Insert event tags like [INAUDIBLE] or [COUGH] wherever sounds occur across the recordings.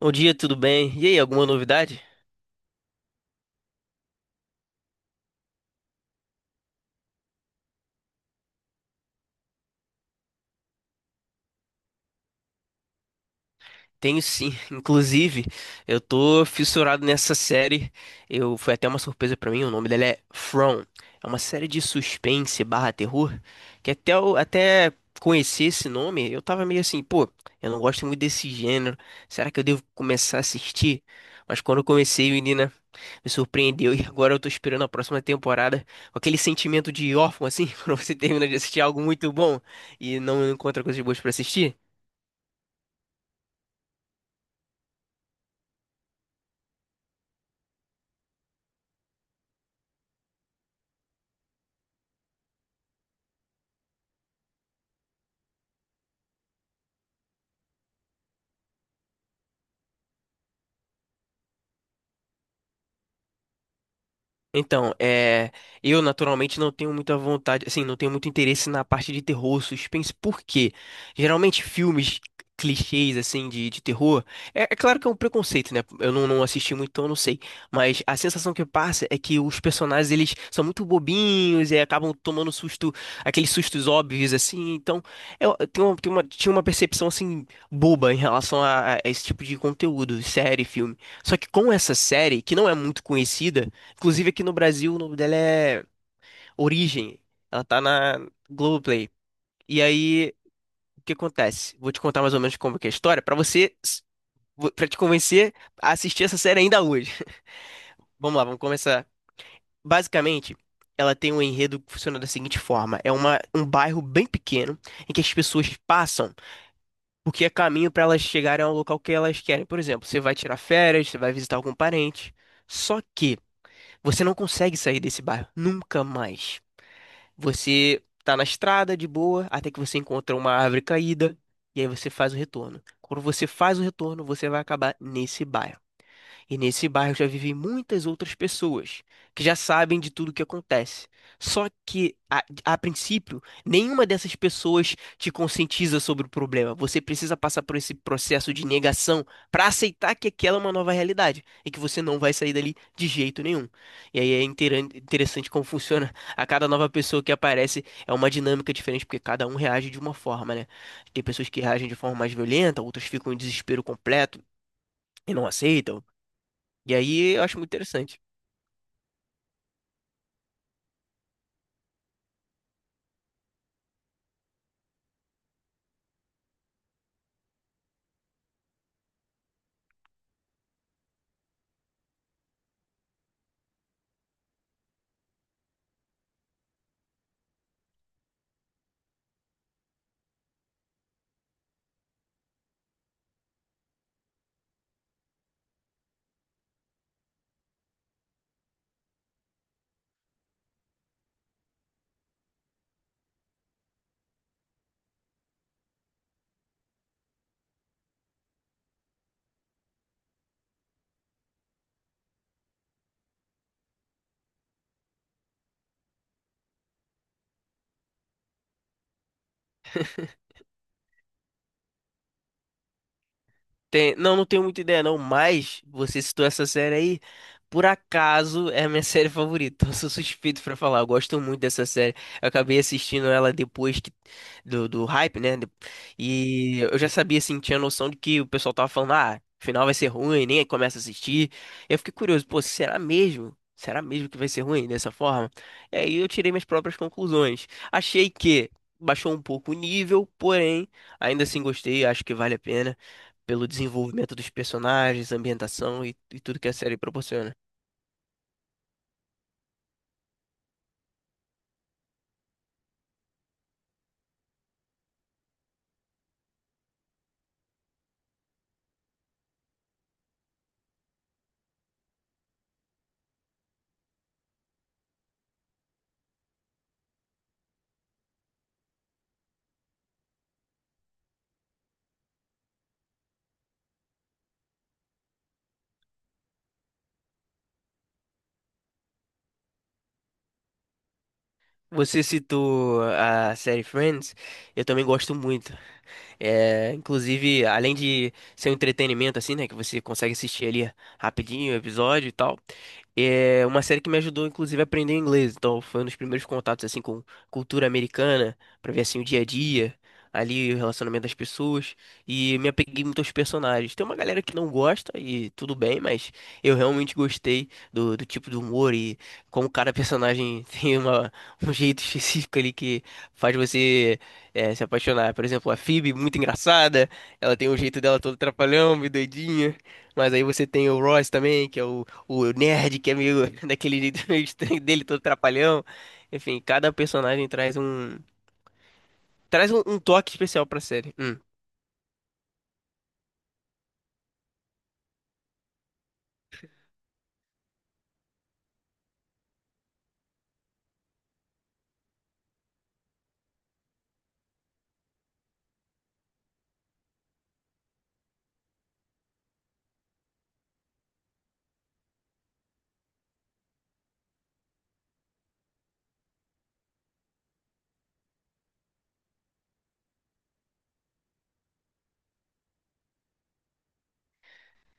Bom dia, tudo bem? E aí, alguma novidade? Tenho sim. [LAUGHS] Inclusive, eu tô fissurado nessa série. Eu foi até uma surpresa pra mim. O nome dela é From. É uma série de suspense barra terror que até conhecer esse nome, eu tava meio assim, pô, eu não gosto muito desse gênero. Será que eu devo começar a assistir? Mas quando eu comecei, menina, me surpreendeu e agora eu tô esperando a próxima temporada com aquele sentimento de órfão assim, [LAUGHS] quando você termina de assistir algo muito bom e não encontra coisas boas pra assistir. Então, eu naturalmente não tenho muita vontade, assim, não tenho muito interesse na parte de terror, suspense, porque geralmente filmes clichês, assim, de terror, é claro que é um preconceito, né? Eu não assisti muito, então eu não sei, mas a sensação que passa é que os personagens, eles são muito bobinhos e acabam tomando susto, aqueles sustos óbvios, assim, então eu tenho uma, tinha uma percepção, assim, boba em relação a esse tipo de conteúdo, série, filme. Só que com essa série, que não é muito conhecida, inclusive aqui no Brasil, o nome dela é Origem. Ela tá na Globoplay. E aí, o que acontece? Vou te contar mais ou menos como que é a história pra você, para te convencer a assistir essa série ainda hoje. [LAUGHS] Vamos lá, vamos começar. Basicamente, ela tem um enredo que funciona da seguinte forma: é um bairro bem pequeno em que as pessoas passam porque é caminho pra elas chegarem ao local que elas querem. Por exemplo, você vai tirar férias, você vai visitar algum parente. Só que você não consegue sair desse bairro nunca mais. Você tá na estrada de boa, até que você encontra uma árvore caída, e aí você faz o retorno. Quando você faz o retorno, você vai acabar nesse bairro. E nesse bairro já vivem muitas outras pessoas que já sabem de tudo o que acontece. Só que, a princípio, nenhuma dessas pessoas te conscientiza sobre o problema. Você precisa passar por esse processo de negação para aceitar que aquela é uma nova realidade e que você não vai sair dali de jeito nenhum. E aí é interessante como funciona. A cada nova pessoa que aparece é uma dinâmica diferente, porque cada um reage de uma forma, né? Tem pessoas que reagem de forma mais violenta, outras ficam em desespero completo e não aceitam. E aí eu acho muito interessante. Não, não tenho muita ideia não, mas você citou essa série aí, por acaso é a minha [LAUGHS] série favorita. Eu sou suspeito pra falar, eu gosto muito dessa série. Eu acabei assistindo ela do hype, né? E eu já sabia, assim, tinha noção de que o pessoal tava falando, ah, o final vai ser ruim, nem começa a assistir. Eu fiquei curioso, pô, será mesmo? Será mesmo que vai ser ruim dessa forma? E aí eu tirei minhas próprias conclusões. Achei que baixou um pouco o nível, porém, ainda assim gostei, acho que vale a pena pelo desenvolvimento dos personagens, ambientação e tudo que a série proporciona. Você citou a série Friends, eu também gosto muito. É, inclusive, além de ser um entretenimento, assim, né? Que você consegue assistir ali rapidinho o episódio e tal. É uma série que me ajudou, inclusive, a aprender inglês. Então, foi um dos primeiros contatos, assim, com cultura americana, pra ver, assim, o dia a dia, ali, o relacionamento das pessoas. E me apeguei muito aos personagens. Tem uma galera que não gosta, e tudo bem, mas eu realmente gostei do tipo de humor e como cada personagem [LAUGHS] tem uma, um jeito específico ali que faz você se apaixonar. Por exemplo, a Phoebe, muito engraçada, ela tem o jeito dela todo trapalhão, meio doidinha. Mas aí você tem o Ross também, que é o nerd, que é meio [LAUGHS] daquele jeito meio estranho dele, todo trapalhão. Enfim, cada personagem traz um toque especial pra série. Hum.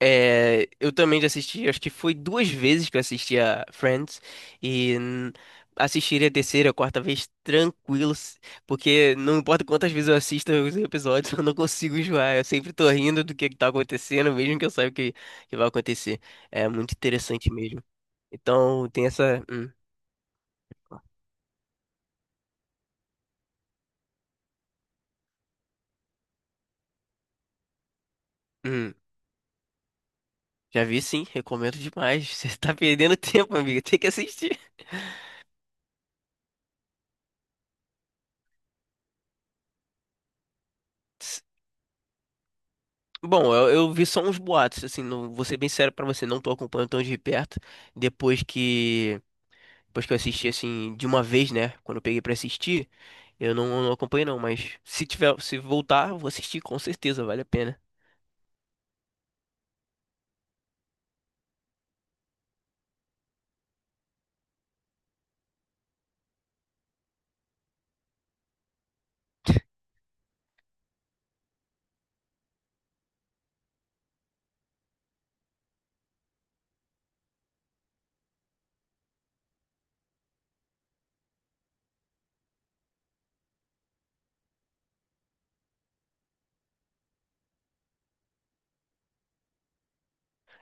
É, eu também já assisti, acho que foi duas vezes que eu assisti a Friends e assistiria a terceira, a quarta vez tranquilo, porque não importa quantas vezes eu assisto os episódios, [LAUGHS] eu não consigo enjoar, eu sempre tô rindo do que tá acontecendo, mesmo que eu saiba o que, que vai acontecer. É muito interessante mesmo. Então tem essa. Hum, Já vi sim, recomendo demais. [LAUGHS] Você tá perdendo tempo, amigo, tem que assistir. Bom, eu vi só uns boatos, assim, não, vou ser bem sério pra você, não tô acompanhando tão de perto. Depois que, depois que eu assisti, assim, de uma vez, né? Quando eu peguei pra assistir, eu não acompanhei não, mas se tiver, se voltar, eu vou assistir com certeza, vale a pena.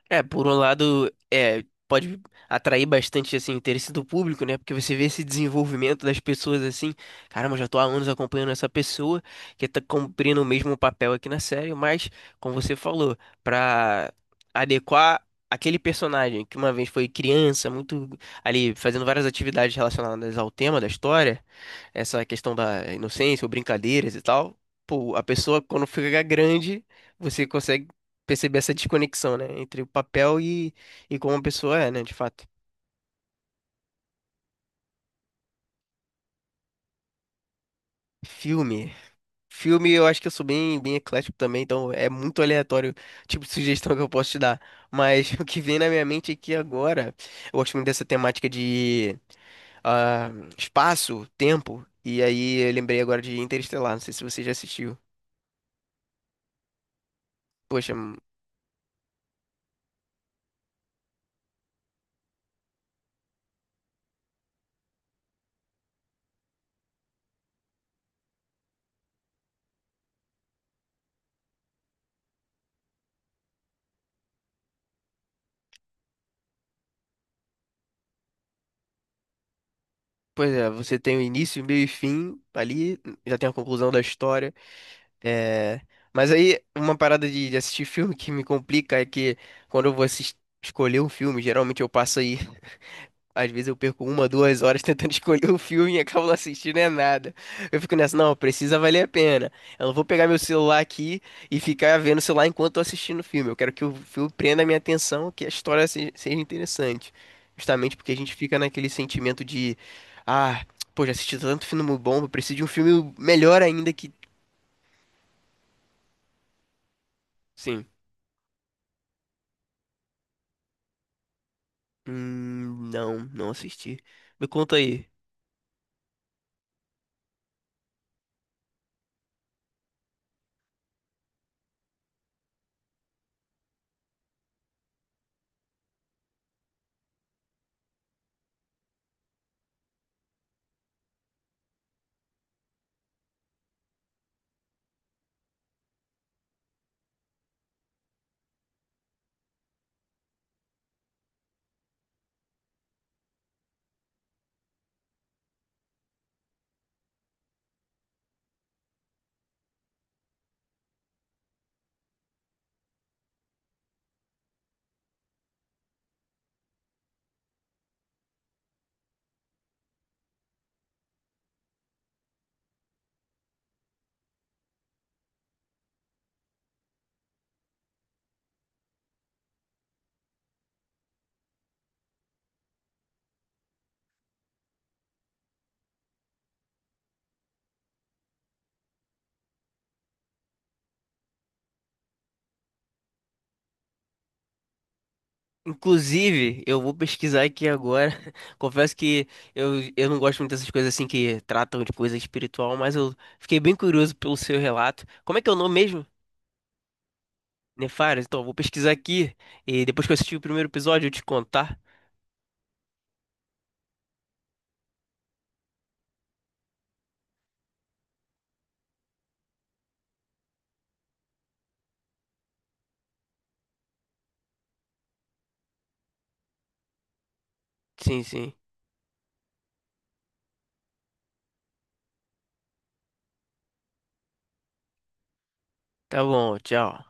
É, por um lado, é, pode atrair bastante assim, interesse do público, né? Porque você vê esse desenvolvimento das pessoas assim, caramba, eu já tô há anos acompanhando essa pessoa que tá cumprindo o mesmo papel aqui na série, mas, como você falou, pra adequar aquele personagem que uma vez foi criança, muito ali fazendo várias atividades relacionadas ao tema da história, essa questão da inocência ou brincadeiras e tal, pô, a pessoa quando fica grande, você consegue perceber essa desconexão, né, entre o papel e como a pessoa é, né, de fato. Filme. Filme, eu acho que eu sou bem, bem eclético também, então é muito aleatório o tipo de sugestão que eu posso te dar. Mas [LAUGHS] o que vem na minha mente aqui agora, eu gosto muito dessa temática de ah, espaço, tempo, e aí eu lembrei agora de Interestelar, não sei se você já assistiu. Poxa. Pois é, você tem o início, meio e fim ali, já tem a conclusão da história. É... Mas aí, uma parada de assistir filme que me complica é que quando eu vou escolher um filme, geralmente eu passo aí às vezes eu perco uma, duas horas [LAUGHS] tentando escolher o filme e acabo não assistindo é nada. Eu fico nessa, não, precisa valer a pena. Eu não vou pegar meu celular aqui e ficar vendo o celular enquanto tô assistindo o filme. Eu quero que o filme prenda a minha atenção, que a história seja interessante. Justamente porque a gente fica naquele sentimento de, ah, pô, já assisti tanto filme bom, eu preciso de um filme melhor ainda que, sim. Não assisti. Me conta aí. Inclusive, eu vou pesquisar aqui agora. [LAUGHS] Confesso que eu não gosto muito dessas coisas assim que tratam de coisa espiritual, mas eu fiquei bem curioso pelo seu relato. Como é que é o nome mesmo? Nefares? Então, eu vou pesquisar aqui e depois que eu assistir o primeiro episódio eu te contar. Sim, sim. Tá bom, tchau.